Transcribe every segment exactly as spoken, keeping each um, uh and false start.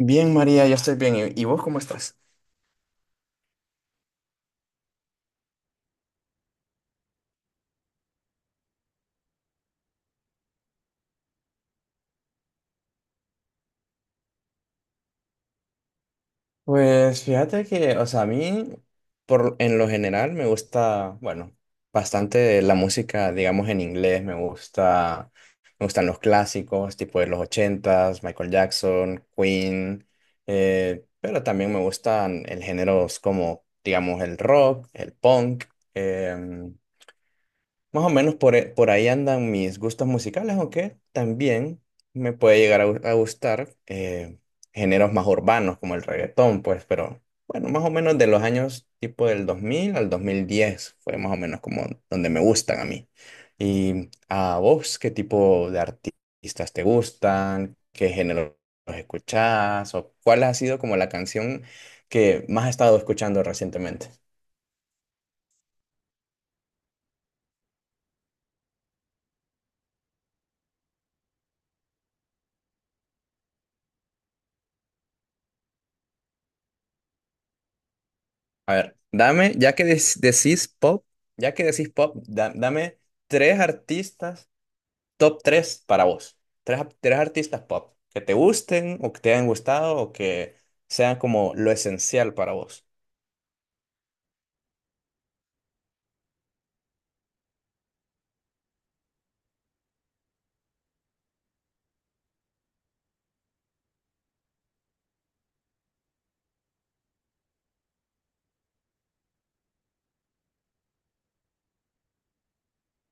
Bien, María, yo estoy bien. ¿Y y vos cómo estás? Pues fíjate que, o sea, a mí, por, en lo general, me gusta, bueno, bastante la música, digamos, en inglés. Me gusta, me gustan los clásicos, tipo de los ochentas, Michael Jackson, Queen, eh, pero también me gustan el géneros como, digamos, el rock, el punk. em, Más o menos por, e- por ahí andan mis gustos musicales, aunque también me puede llegar a, gu- a gustar, eh, géneros más urbanos como el reggaetón, pues, pero bueno, más o menos de los años tipo del dos mil al dos mil diez fue más o menos como donde me gustan a mí. ¿Y a vos qué tipo de artistas te gustan? ¿Qué géneros escuchás? ¿O cuál ha sido como la canción que más has estado escuchando recientemente? A ver, dame, ya que des- decís pop, ya que decís pop, da- dame tres artistas, top tres para vos. Tres, ap- tres artistas pop que te gusten o que te hayan gustado o que sean como lo esencial para vos.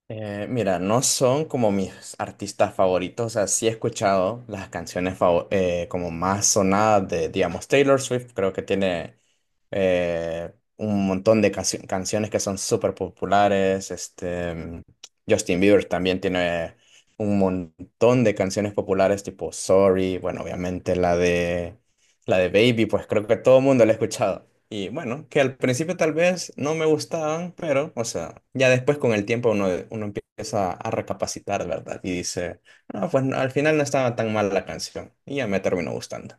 Eh, mira, no son como mis artistas favoritos, o sea, sí he escuchado las canciones favo- eh, como más sonadas de, digamos, Taylor Swift. Creo que tiene eh, un montón de cancio- canciones que son súper populares. este, Justin Bieber también tiene un montón de canciones populares tipo Sorry. Bueno, obviamente la de, la de Baby, pues creo que todo el mundo la ha escuchado. Y bueno, que al principio tal vez no me gustaban, pero, o sea, ya después con el tiempo uno, uno empieza a recapacitar, ¿verdad? Y dice, no, pues no, al final no estaba tan mal la canción. Y ya me terminó gustando.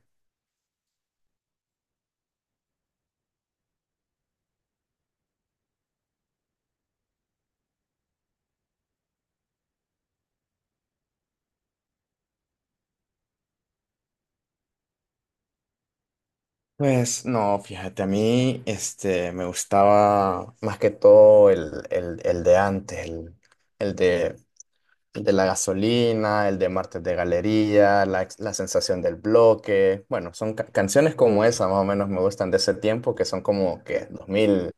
Pues no, fíjate, a mí este, me gustaba más que todo el, el, el de antes, el, el de El de la Gasolina, el de Martes de Galería, la, ex- la sensación del bloque. Bueno, son ca- canciones como esa, más o menos me gustan de ese tiempo, que son como que dos mil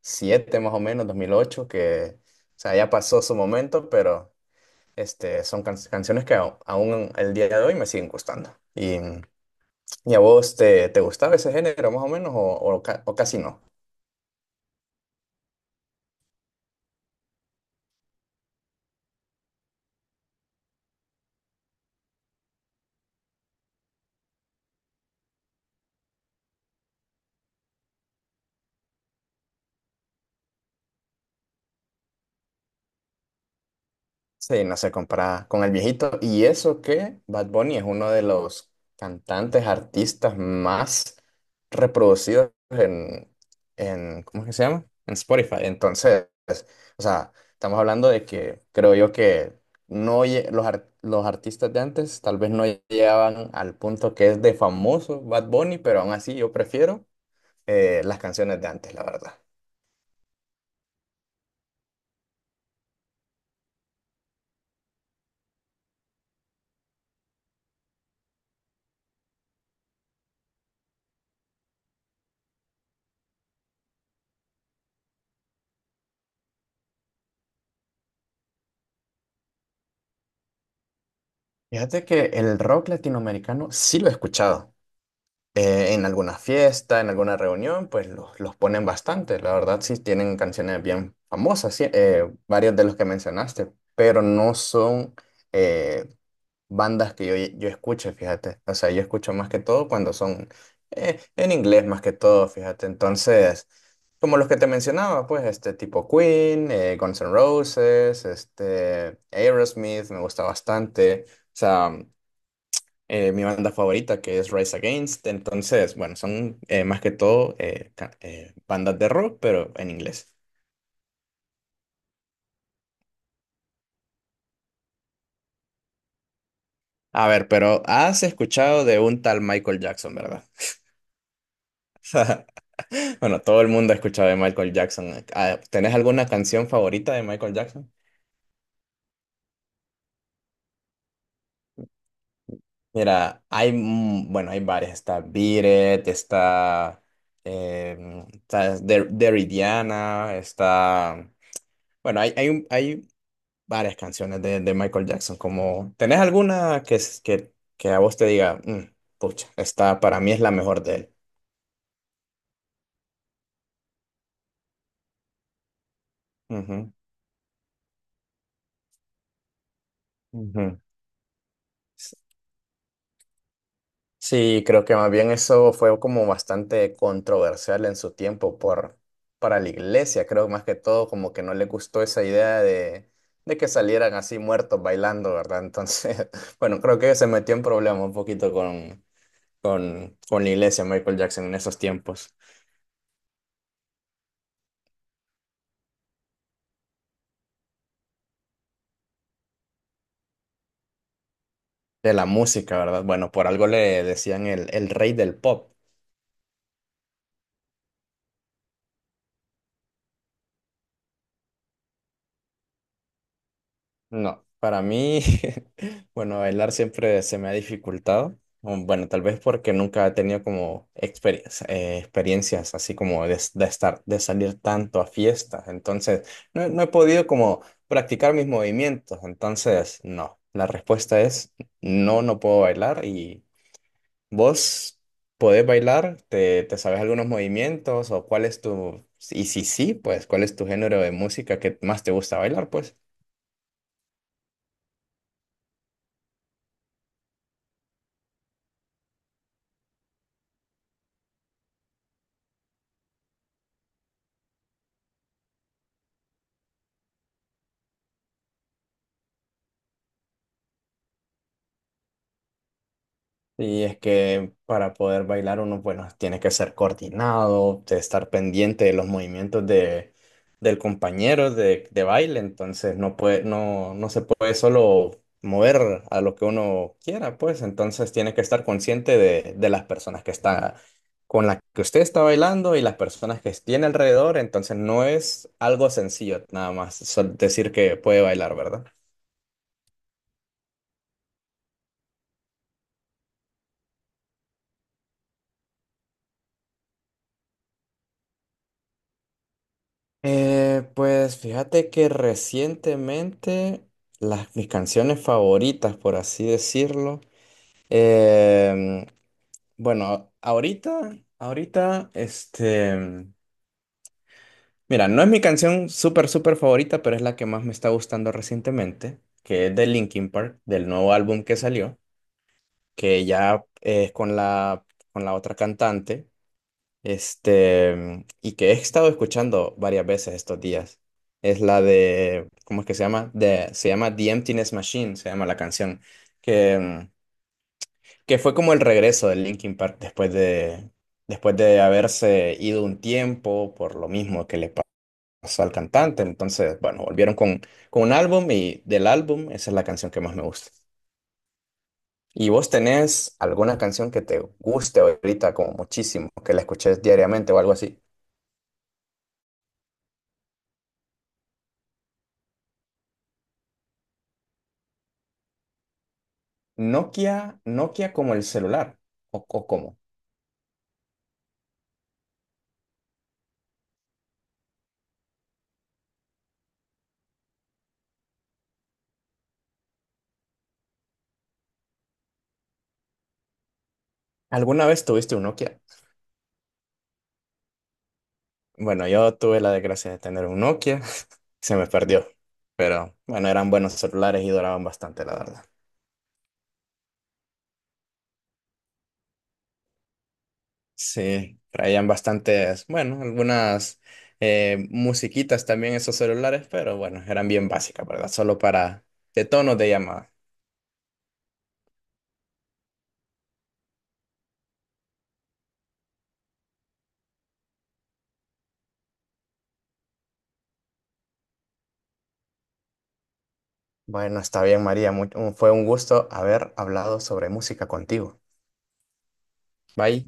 siete más o menos, dos mil ocho, que, o sea, ya pasó su momento, pero este, son can- canciones que au- aún el día de hoy me siguen gustando. ¿Y, y a vos te, te gustaba ese género, más o menos, o, o ca- o casi no? Sí, no se compara con el viejito. Y eso que Bad Bunny es uno de los cantantes, artistas más reproducidos en, en, ¿cómo es que se llama? En Spotify. Entonces, o sea, estamos hablando de que creo yo que no lle- los, ar- los artistas de antes tal vez no llegaban al punto que es de famoso Bad Bunny, pero aún así yo prefiero eh, las canciones de antes, la verdad. Fíjate que el rock latinoamericano sí lo he escuchado, eh, en alguna fiesta, en alguna reunión, pues los, los ponen bastante. La verdad, sí tienen canciones bien famosas, sí, eh, varios de los que mencionaste, pero no son eh, bandas que yo, yo escuche, fíjate. O sea, yo escucho más que todo cuando son eh, en inglés, más que todo, fíjate. Entonces, como los que te mencionaba, pues este tipo Queen, eh, Guns N' Roses, este Aerosmith, me gusta bastante. O sea, eh, mi banda favorita, que es Rise Against. Entonces, bueno, son eh, más que todo eh, ca- eh, bandas de rock, pero en inglés. A ver, pero has escuchado de un tal Michael Jackson, ¿verdad? Bueno, todo el mundo ha escuchado de Michael Jackson. Ah, ¿tenés alguna canción favorita de Michael Jackson? Mira, hay, mm, bueno, hay varias. Está Beat It, está, eh, está Der- Dirty, está... Bueno, hay, hay, un- hay varias canciones de, de Michael Jackson. Como, ¿tenés alguna que, es- que, que a vos te diga, "Mm, pucha, esta para mí es la mejor de él"? Ujú, ujú. S- Sí, creo que más bien eso fue como bastante controversial en su tiempo por, para la iglesia. Creo más que todo como que no le gustó esa idea de, de que salieran así muertos bailando, ¿verdad? Entonces, bueno, creo que se metió en problemas un poquito con, con, con la iglesia Michael Jackson en esos tiempos. De la música, ¿verdad? Bueno, por algo le decían el, el rey del pop. No, para mí, bueno, bailar siempre se me ha dificultado. Um, Bueno, tal vez porque nunca he tenido como experiencia- eh, experiencias así como de, de estar, de salir tanto a fiestas. Entonces, no, he- no he podido como practicar mis movimientos. Entonces, no, la respuesta es no, no puedo bailar. ¿Y vos podés bailar? ¿Te, te sabes algunos movimientos? ¿O cuál es tu...? Y si sí, pues, ¿cuál es tu género de música que más te gusta bailar, pues? Y es que para poder bailar uno, bueno, tiene que ser coordinado, de estar pendiente de los movimientos de, del compañero de, de baile. Entonces no puede, no, no se puede solo mover a lo que uno quiera, pues entonces tiene que estar consciente de, de las personas que está, con las que usted está bailando y las personas que tiene alrededor. Entonces no es algo sencillo nada más sol- decir que puede bailar, ¿verdad? Eh, pues fíjate que recientemente las, mis canciones favoritas, por así decirlo, em, bueno, ahorita, ahorita, este, mira, no es mi canción súper, súper favorita, pero es la que más me está gustando recientemente, que es de Linkin Park, del nuevo álbum que salió, que ya es con la, con la otra cantante. Este, y que he estado escuchando varias veces estos días. Es la de, ¿cómo es que se llama? De, se llama The Emptiness Machine, se llama la canción, que, mm, que fue como el regreso de Linkin Park después de, después de haberse ido un tiempo por lo mismo que le pa- pasó al cantante. Entonces, bueno, volvieron con, con un álbum, y del álbum esa es la canción que más me gusta. ¿Y vos tenés alguna canción que te guste ahorita como muchísimo, que la escuches diariamente o algo así? ¿Nokia, Nokia como el celular, o, o cómo? ¿Alguna vez tuviste un Nokia? Bueno, yo tuve la desgracia de tener un Nokia, se me perdió, pero bueno, eran buenos celulares y duraban bastante, la verdad. Sí, traían bastantes, bueno, algunas eh, musiquitas también esos celulares, pero bueno, eran bien básicas, ¿verdad? Solo para de tonos de llamada. Bueno, está bien, María, mu- un- fue un gusto haber hablado sobre música contigo. Bye.